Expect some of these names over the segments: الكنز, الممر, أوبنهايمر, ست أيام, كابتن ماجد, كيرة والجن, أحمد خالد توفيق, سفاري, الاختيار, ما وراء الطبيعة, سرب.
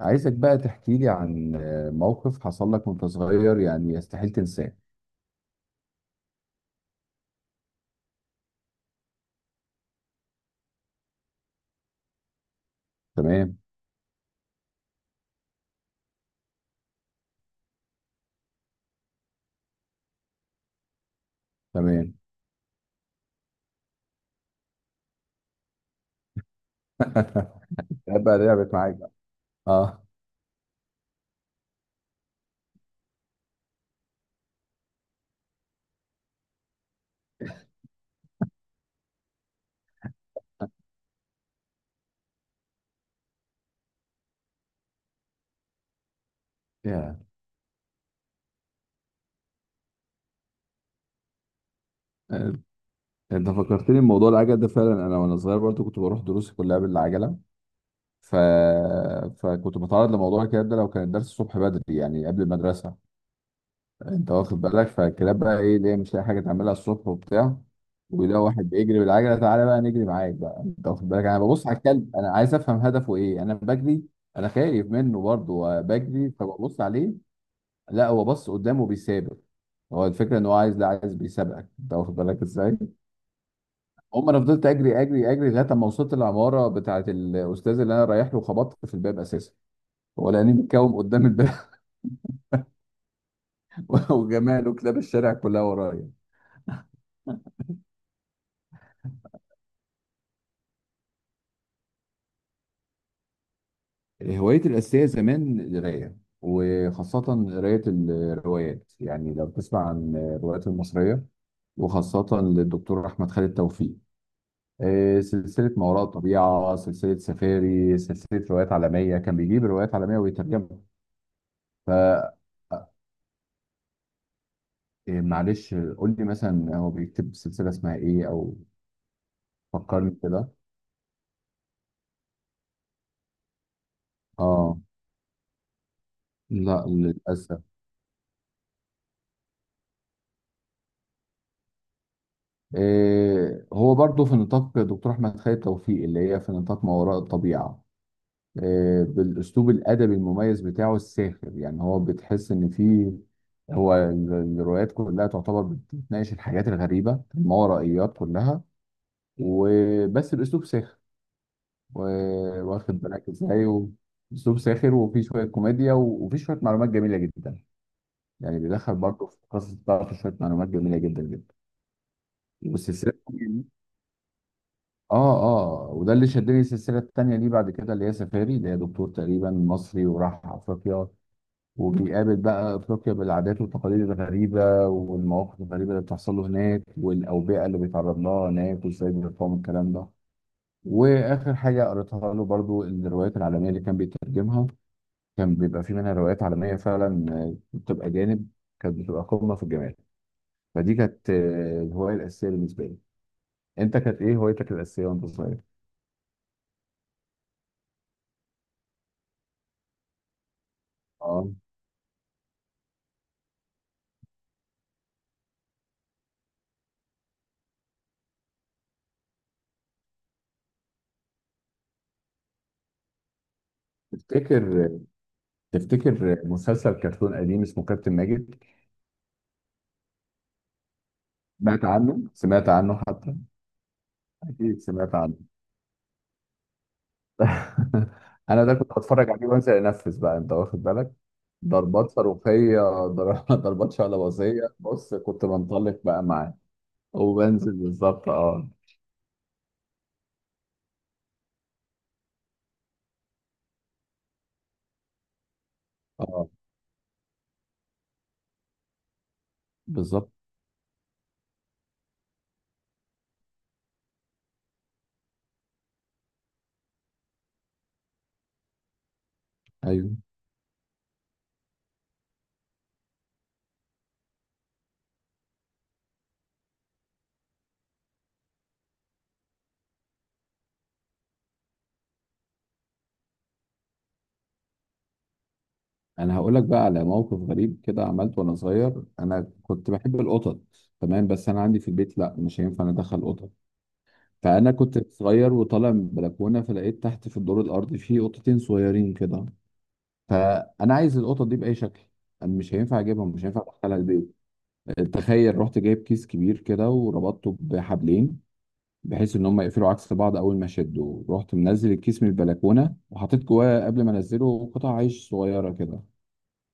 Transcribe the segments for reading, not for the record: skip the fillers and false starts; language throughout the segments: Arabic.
عايزك بقى تحكي لي عن موقف حصل لك وانت صغير يعني يستحيل تنساه. تمام. تمام. بقى لعبت معاك بقى. اه. يا. آه، انت فكرتني بموضوع العجل ده فعلا. انا وانا صغير برضو كنت بروح دروسي كلها بالعجله. ف... فكنت بتعرض لموضوع الكلام ده لو كان الدرس الصبح بدري يعني قبل المدرسه. انت واخد بالك، فالكلاب بقى ايه اللي هي مش لاقي حاجه تعملها الصبح وبتاع. وده واحد بيجري بالعجله، تعالى بقى نجري معاك بقى. انت واخد بالك، انا ببص على الكلب، انا عايز افهم هدفه ايه، انا بجري، انا خايف منه برضه، بجري فببص عليه. لا، هو بص قدامه بيسابق. هو الفكره ان هو عايز، لا عايز بيسابقك، انت واخد بالك ازاي. هم انا فضلت اجري اجري اجري لغايه ما وصلت العماره بتاعه الاستاذ اللي انا رايح له، خبطت في الباب اساسا، هو لاني متكوم قدام الباب. وجماله كلاب الشارع كلها ورايا. هوايتي الأساسية زمان القراية، وخاصة قراية الروايات. يعني لو تسمع عن الروايات المصرية، وخاصة للدكتور أحمد خالد توفيق، سلسلة ما وراء الطبيعة، سلسلة سفاري، سلسلة روايات عالمية، كان بيجيب روايات عالمية ويترجمها. ف آه، يعني معلش قول لي مثلا هو بيكتب سلسلة اسمها إيه أو فكرني كده. آه. لا، للأسف. هو برضه في نطاق دكتور أحمد خالد توفيق، اللي هي في نطاق ما وراء الطبيعة، بالاسلوب الادبي المميز بتاعه الساخر. يعني هو بتحس ان في، الروايات كلها تعتبر بتناقش الحاجات الغريبه الماورائيات كلها، وبس الاسلوب ساخر، واخد بالك ازاي، اسلوب ساخر، وفيه شويه كوميديا، وفيه شويه معلومات جميله جدا. يعني بيدخل برضه في قصص بتاعته شويه معلومات جميله جدا جدا. والسلسله التانية دي- اه. اه، وده اللي شدني السلسله التانيه دي بعد كده، اللي هي سفاري، اللي هي دكتور تقريبا مصري وراح افريقيا، وبيقابل بقى افريقيا بالعادات والتقاليد الغريبه والمواقف الغريبه اللي بتحصل له هناك والاوبئه اللي بيتعرض لها هناك وازاي بيرفعوا من الكلام ده. واخر حاجه قريتها له برضو الروايات العالميه اللي كان بيترجمها، كان بيبقى في منها روايات عالميه فعلا، بتبقى جانب، كانت بتبقى قمه في الجمال. فدي كانت الهوايه الاساسيه بالنسبه لي. انت كانت ايه هوايتك الاساسيه وانت صغير؟ اه. تفتكر، تفتكر مسلسل كرتون قديم اسمه كابتن ماجد؟ سمعت عنه؟ سمعت عنه حتى؟ اكيد سمعت عنه. انا ده كنت بتفرج عليه وانزل انفذ بقى، انت واخد بالك، ضربات صاروخيه، ضربات شعلبازيه، بص كنت بنطلق بقى معاه وبنزل بالظبط. اه. اه، بالظبط. ايوه. انا هقول لك بقى على موقف غريب كده عملته وانا صغير. انا كنت بحب القطط، تمام، بس انا عندي في البيت لا، مش هينفع ادخل قطط. فانا كنت صغير وطالع من البلكونه، فلقيت تحت في الدور الارضي في قطتين صغيرين كده. فانا عايز القطط دي باي شكل، مش هينفع اجيبهم، مش هينفع ادخلها البيت. تخيل، رحت جايب كيس كبير كده وربطته بحبلين بحيث ان هم يقفلوا عكس بعض اول ما شدوا. رحت منزل الكيس من البلكونه وحطيت جواه قبل ما انزله قطع عيش صغيره كده،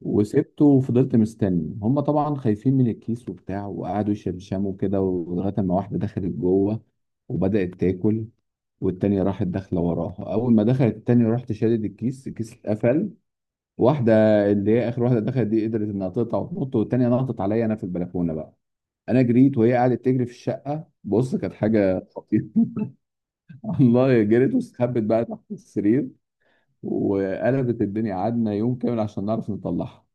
وسبته وفضلت مستني. هم طبعا خايفين من الكيس وبتاع، وقعدوا يشمشموا كده، لغايه ما واحده دخلت جوه وبدات تاكل، والتانية راحت داخله وراها. اول ما دخلت التانية رحت شادد الكيس، الكيس اتقفل. واحده، اللي هي اخر واحده دخلت دي، قدرت انها تقطع وتنط، والتانية نطت عليا انا في البلكونه بقى. انا جريت، وهي قعدت تجري في الشقه، بص كانت حاجه خطيره. والله جريت، واستخبت بقى تحت السرير، وقلبت الدنيا. قعدنا يوم كامل عشان نعرف نطلعها.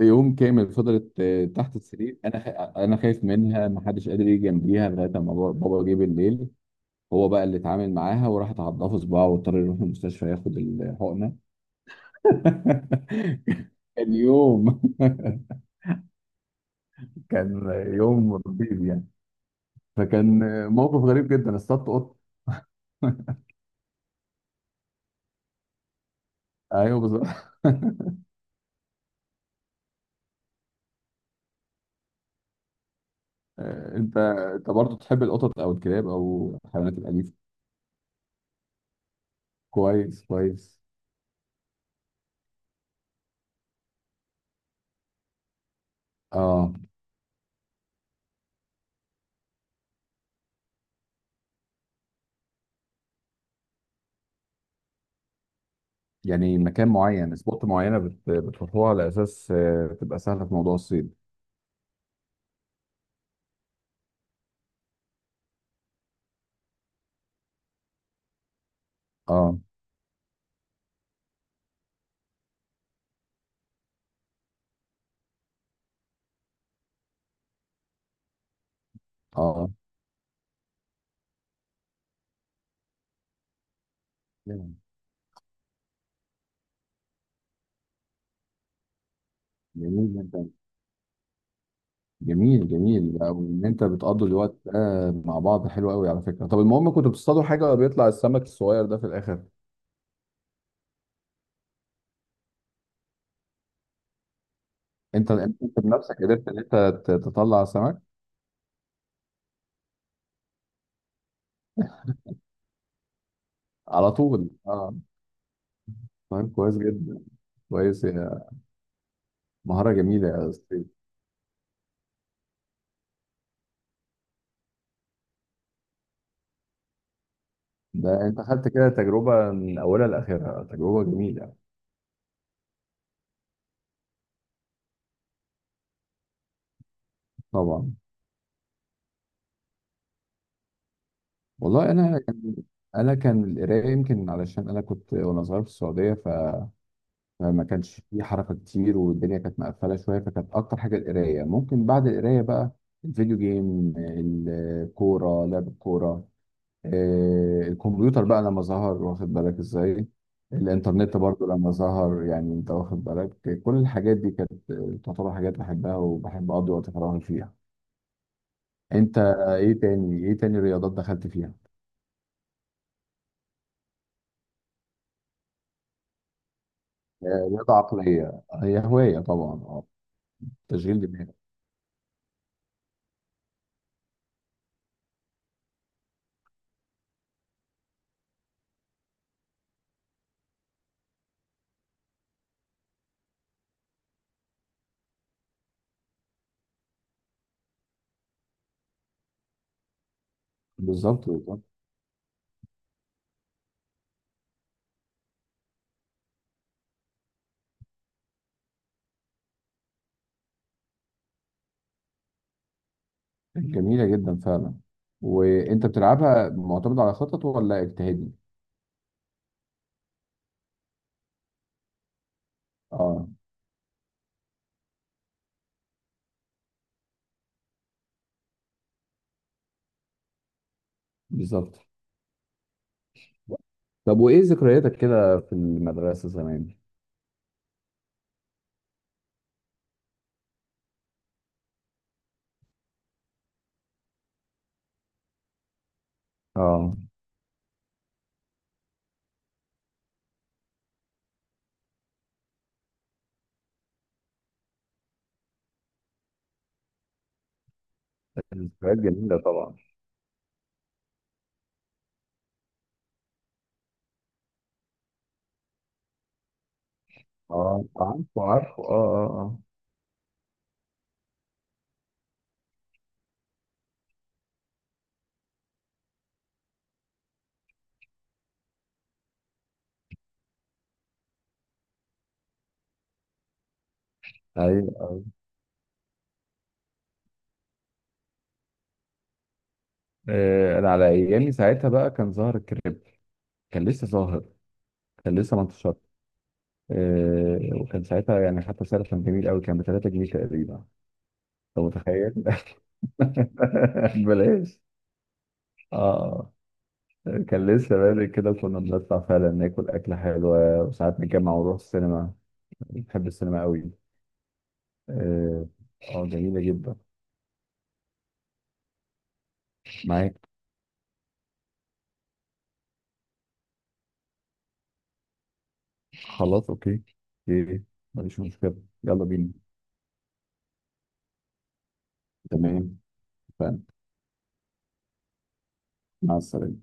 يوم كامل فضلت تحت السرير. انا خايف منها، ما حدش قادر يجي جنبيها، لغايه ما بابا جه بالليل. هو بقى اللي اتعامل معاها، وراحت عضها في صباعه، واضطر يروح المستشفى ياخد الحقنه. كان يوم. كان يوم رهيب يعني. فكان موقف غريب جدا، اصطدت قط. ايوه، بالظبط. انت انت برضه تحب القطط او الكلاب او الحيوانات الاليفه؟ كويس كويس. اه. يعني مكان معين، سبوت معينه بتروحوها على اساس تبقى سهله في موضوع الصيد. اه. اه. جميل جدا. جميل، جميل بقى. وان انت بتقضوا الوقت ده مع بعض حلو قوي على فكره. طب المهم كنتوا بتصطادوا حاجه ولا بيطلع السمك الصغير ده في الاخر؟ انت انت بنفسك قدرت ان انت تطلع سمك؟ على طول. اه. طيب كويس جدا. كويس. مهارة جميلة يا أستاذ. ده أنت خدت كده تجربة من أولها لآخرها، تجربة جميلة. طبعا. والله أنا كان أنا كان القراية يمكن علشان أنا كنت وأنا صغير في السعودية، فما كانش في حركة كتير، والدنيا كانت مقفلة شوية، فكانت أكتر حاجة القراية. ممكن بعد القراية بقى الفيديو جيم، الكورة، لعب الكورة، الكمبيوتر بقى لما ظهر، واخد بالك ازاي، الانترنت برضو لما ظهر. يعني انت واخد بالك، كل الحاجات دي كانت تعتبر حاجات بحبها وبحب اقضي وقت فراغي فيها. انت ايه تاني، ايه تاني رياضات دخلت فيها؟ رياضة عقلية، هي هواية طبعا. اه. تشغيل دماغ. بالظبط، بالظبط. جميلة جدا فعلا. وانت بتلعبها معتمد على خطط ولا اجتهادي؟ اه. بالظبط. طب وايه ذكرياتك كده في المدرسة زمان؟ اه. ذكريات جميلة طبعا. اه. عارفه، عارفه، اه اه. اه. ايوه. انا على ايامي ساعتها بقى كان ظاهر الكريب، كان لسه ظاهر، كان لسه ما انتشرش. وكان ساعتها يعني حتى سعره كان جميل قوي، كان ب 3 جنيه تقريبا، لو متخيل. بلاش. اه. آه. كان لسه بادئ كده، كنا بنطلع فعلا ناكل أكلة حلوة، وساعات نتجمع ونروح السينما. بحب السينما قوي. اه. جميلة جدا. معاك. خلاص اوكي. اوكي. مفيش مشكلة. يلا بينا. تمام. اتفقنا. مع السلامة.